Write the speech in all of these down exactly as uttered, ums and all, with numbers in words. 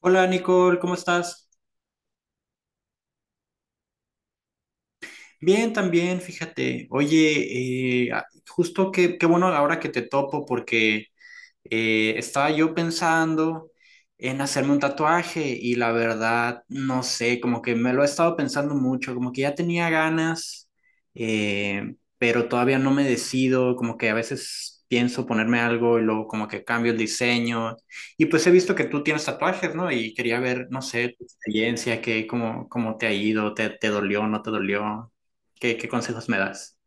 Hola Nicole, ¿cómo estás? Bien, también, fíjate. Oye, eh, a- justo que, qué bueno ahora que te topo porque Eh, estaba yo pensando en hacerme un tatuaje y la verdad, no sé, como que me lo he estado pensando mucho, como que ya tenía ganas, eh, pero todavía no me decido, como que a veces pienso ponerme algo y luego como que cambio el diseño. Y pues he visto que tú tienes tatuajes, ¿no? Y quería ver, no sé, tu experiencia, qué, cómo, cómo te ha ido, te, te dolió, no te dolió, qué, qué consejos me das.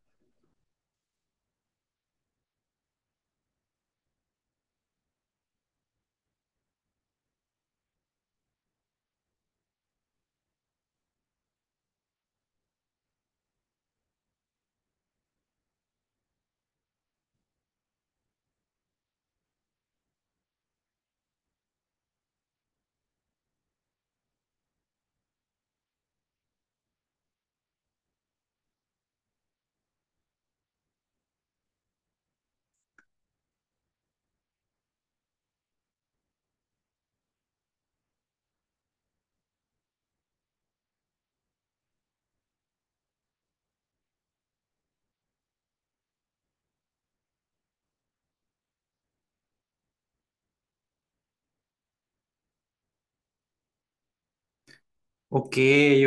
Ok,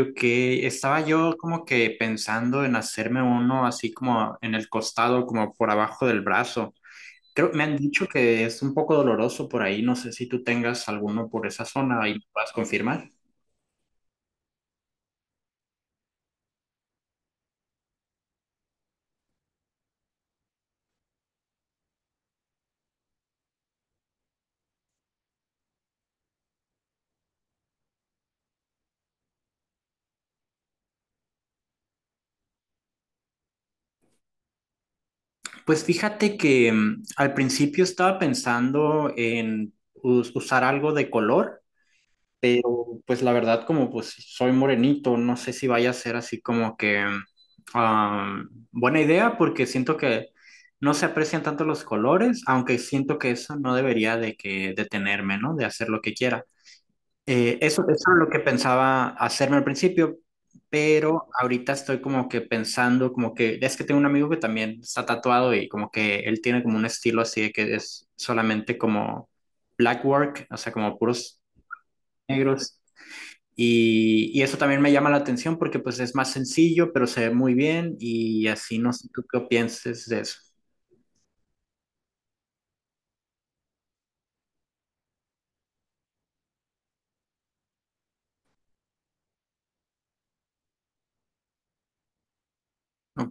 ok. Estaba yo como que pensando en hacerme uno así como en el costado, como por abajo del brazo. Creo, me han dicho que es un poco doloroso por ahí. No sé si tú tengas alguno por esa zona y puedas confirmar. Pues fíjate que mm, al principio estaba pensando en us- usar algo de color, pero pues la verdad, como pues soy morenito, no sé si vaya a ser así como que ah, buena idea porque siento que no se aprecian tanto los colores, aunque siento que eso no debería de que detenerme, ¿no? De hacer lo que quiera. Eh, eso, eso es lo que pensaba hacerme al principio, pero ahorita estoy como que pensando, como que es que tengo un amigo que también está tatuado y como que él tiene como un estilo así de que es solamente como black work, o sea, como puros negros. Y, y eso también me llama la atención porque pues es más sencillo, pero se ve muy bien y así no sé tú qué pienses de eso, ¿no?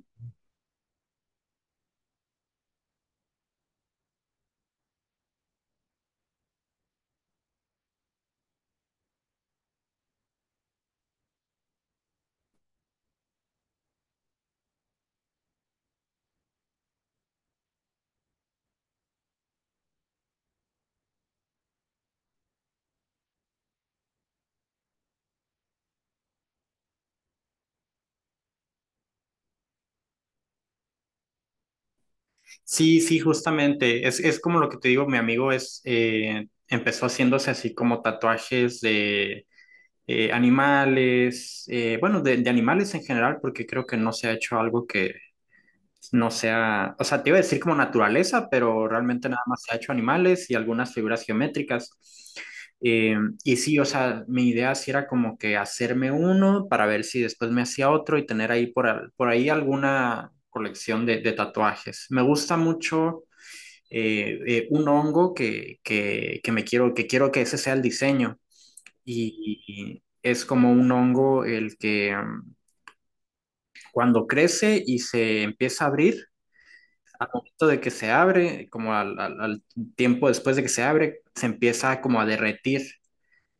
Sí, sí, justamente. Es, es como lo que te digo, mi amigo es, eh, empezó haciéndose así como tatuajes de eh, animales, eh, bueno, de, de animales en general, porque creo que no se ha hecho algo que, no sea, o sea, te iba a decir como naturaleza, pero realmente nada más se ha hecho animales y algunas figuras geométricas. Eh, y sí, o sea, mi idea sí era como que hacerme uno para ver si después me hacía otro y tener ahí por, al- por ahí alguna colección de, de tatuajes. Me gusta mucho eh, eh, un hongo que, que, que me quiero, que quiero que ese sea el diseño. Y, y es como un hongo el que mm, cuando crece y se empieza a abrir, al momento de que se abre, como al, al- al tiempo después de que se abre, se empieza como a derretir.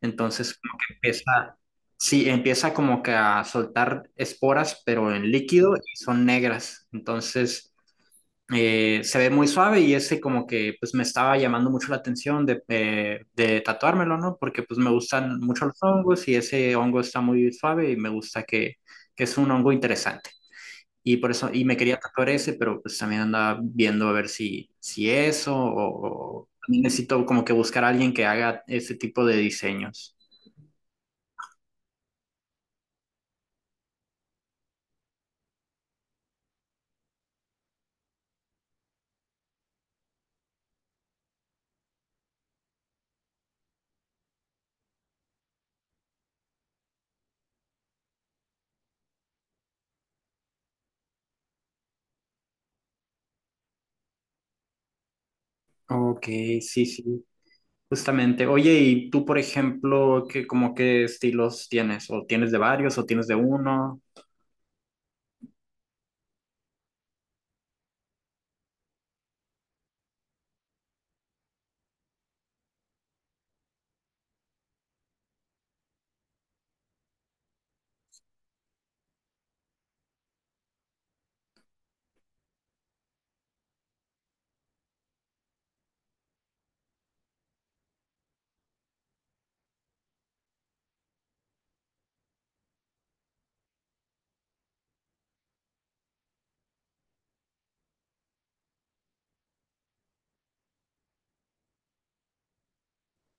Entonces, como que empieza, sí, empieza como que a soltar esporas, pero en líquido y son negras. Entonces, eh, se ve muy suave y ese como que pues me estaba llamando mucho la atención de, eh, de tatuármelo, ¿no? Porque pues me gustan mucho los hongos y ese hongo está muy suave y me gusta que, que es un hongo interesante. Y por eso, y me quería tatuar ese, pero pues también andaba viendo a ver si, si eso, o, o también necesito como que buscar a alguien que haga ese tipo de diseños. Ok, sí, sí, justamente. Oye, ¿y tú, por ejemplo, qué, como qué estilos tienes? ¿O tienes de varios o tienes de uno?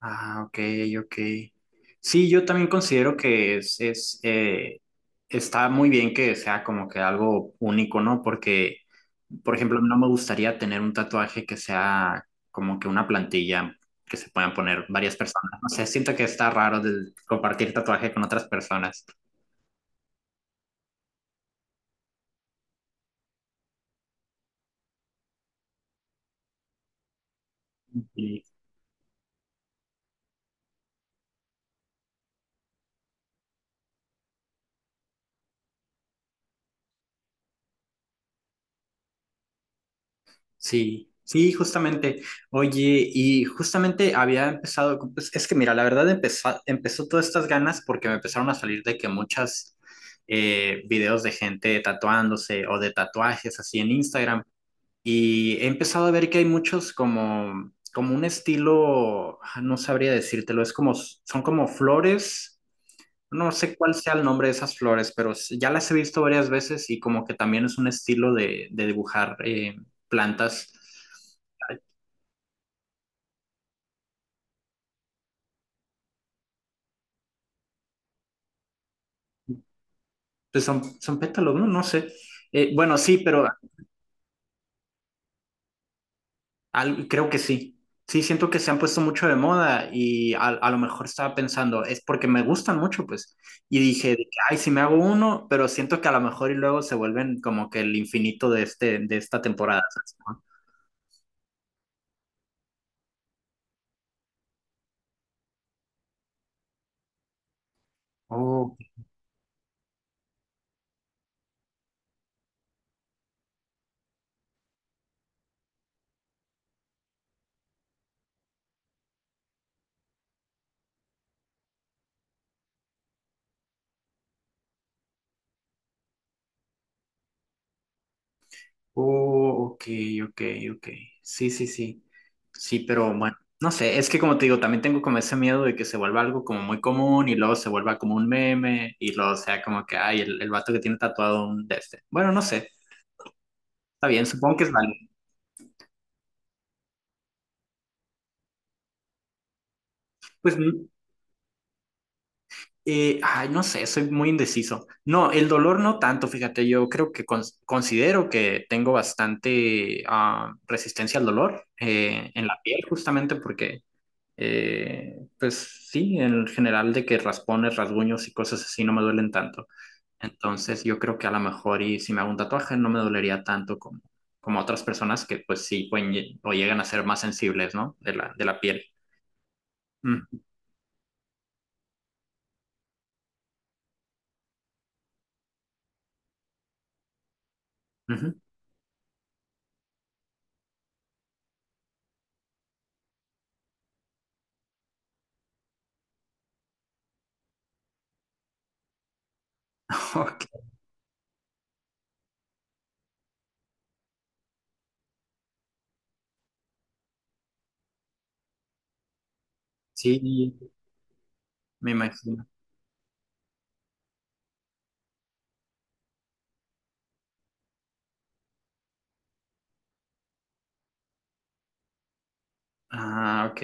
Ah, ok, ok. Sí, yo también considero que es, es eh, está muy bien que sea como que algo único, ¿no? Porque, por ejemplo, no me gustaría tener un tatuaje que sea como que una plantilla que se puedan poner varias personas. No sé, siento que está raro del compartir tatuaje con otras personas. Sí, sí, justamente. Oye, y justamente había empezado, con- pues, es que mira, la verdad empezó, empezó todas estas ganas porque me empezaron a salir de que muchas eh, videos de gente tatuándose o de tatuajes así en Instagram. Y he empezado a ver que hay muchos como, como un estilo, ah, no sabría decírtelo, es como, son como flores. No sé cuál sea el nombre de esas flores, pero s- ya las he visto varias veces y como que también es un estilo de, de dibujar eh, plantas. Pues son, son pétalos, ¿no? No sé. Eh, bueno, sí, pero al- creo que sí. Sí, siento que se han puesto mucho de moda y a, a lo mejor estaba pensando, es porque me gustan mucho, pues. Y dije, de que, ay, si me hago uno, pero siento que a lo mejor y luego se vuelven como que el infinito de, este, de esta temporada. ¿Sabes? Oh, ok, ok, ok. Sí, sí, sí. Sí, pero bueno, no sé, es que como te digo, también tengo como ese miedo de que se vuelva algo como muy común y luego se vuelva como un meme y luego sea como que, ay, el, el vato que tiene tatuado un de este. Bueno, no sé, está bien, supongo que es válido. Pues, mm, eh, ay, no sé, soy muy indeciso. No, el dolor no tanto, fíjate, yo creo que cons- considero que tengo bastante ah, resistencia al dolor eh, en la piel justamente porque Eh, pues sí, en general de que raspones, rasguños y cosas así no me duelen tanto. Entonces yo creo que a lo mejor y si me hago un tatuaje no me dolería tanto como, como otras personas que pues sí pueden lle- o llegan a ser más sensibles, ¿no? De la, de la piel. Mm, ujú. Ok, sí, me imagino. Ah, ok.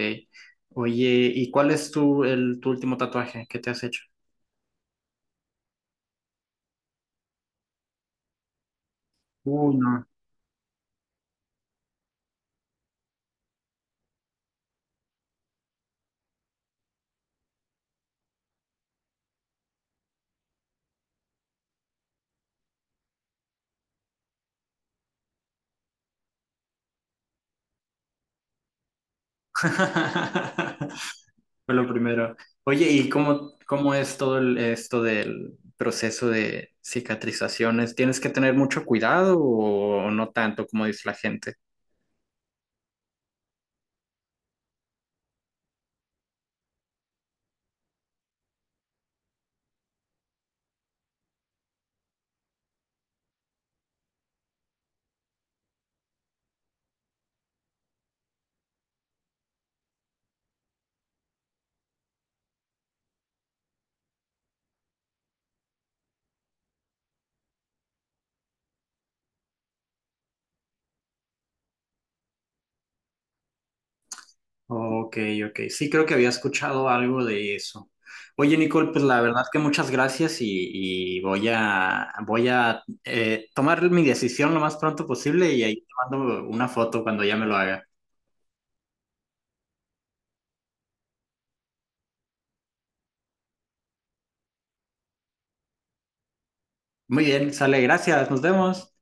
Oye, ¿y cuál es tu, el, tu último tatuaje que te has hecho? Uy, no. Fue lo primero. Oye, ¿y cómo, cómo es todo el- esto del proceso de cicatrizaciones? ¿Tienes que tener mucho cuidado o no tanto como dice la gente? Ok, ok. Sí, creo que había escuchado algo de eso. Oye, Nicole, pues la verdad que muchas gracias y, y voy a, voy a eh, tomar mi decisión lo más pronto posible y ahí te mando una foto cuando ya me lo haga. Muy bien, sale, gracias, nos vemos.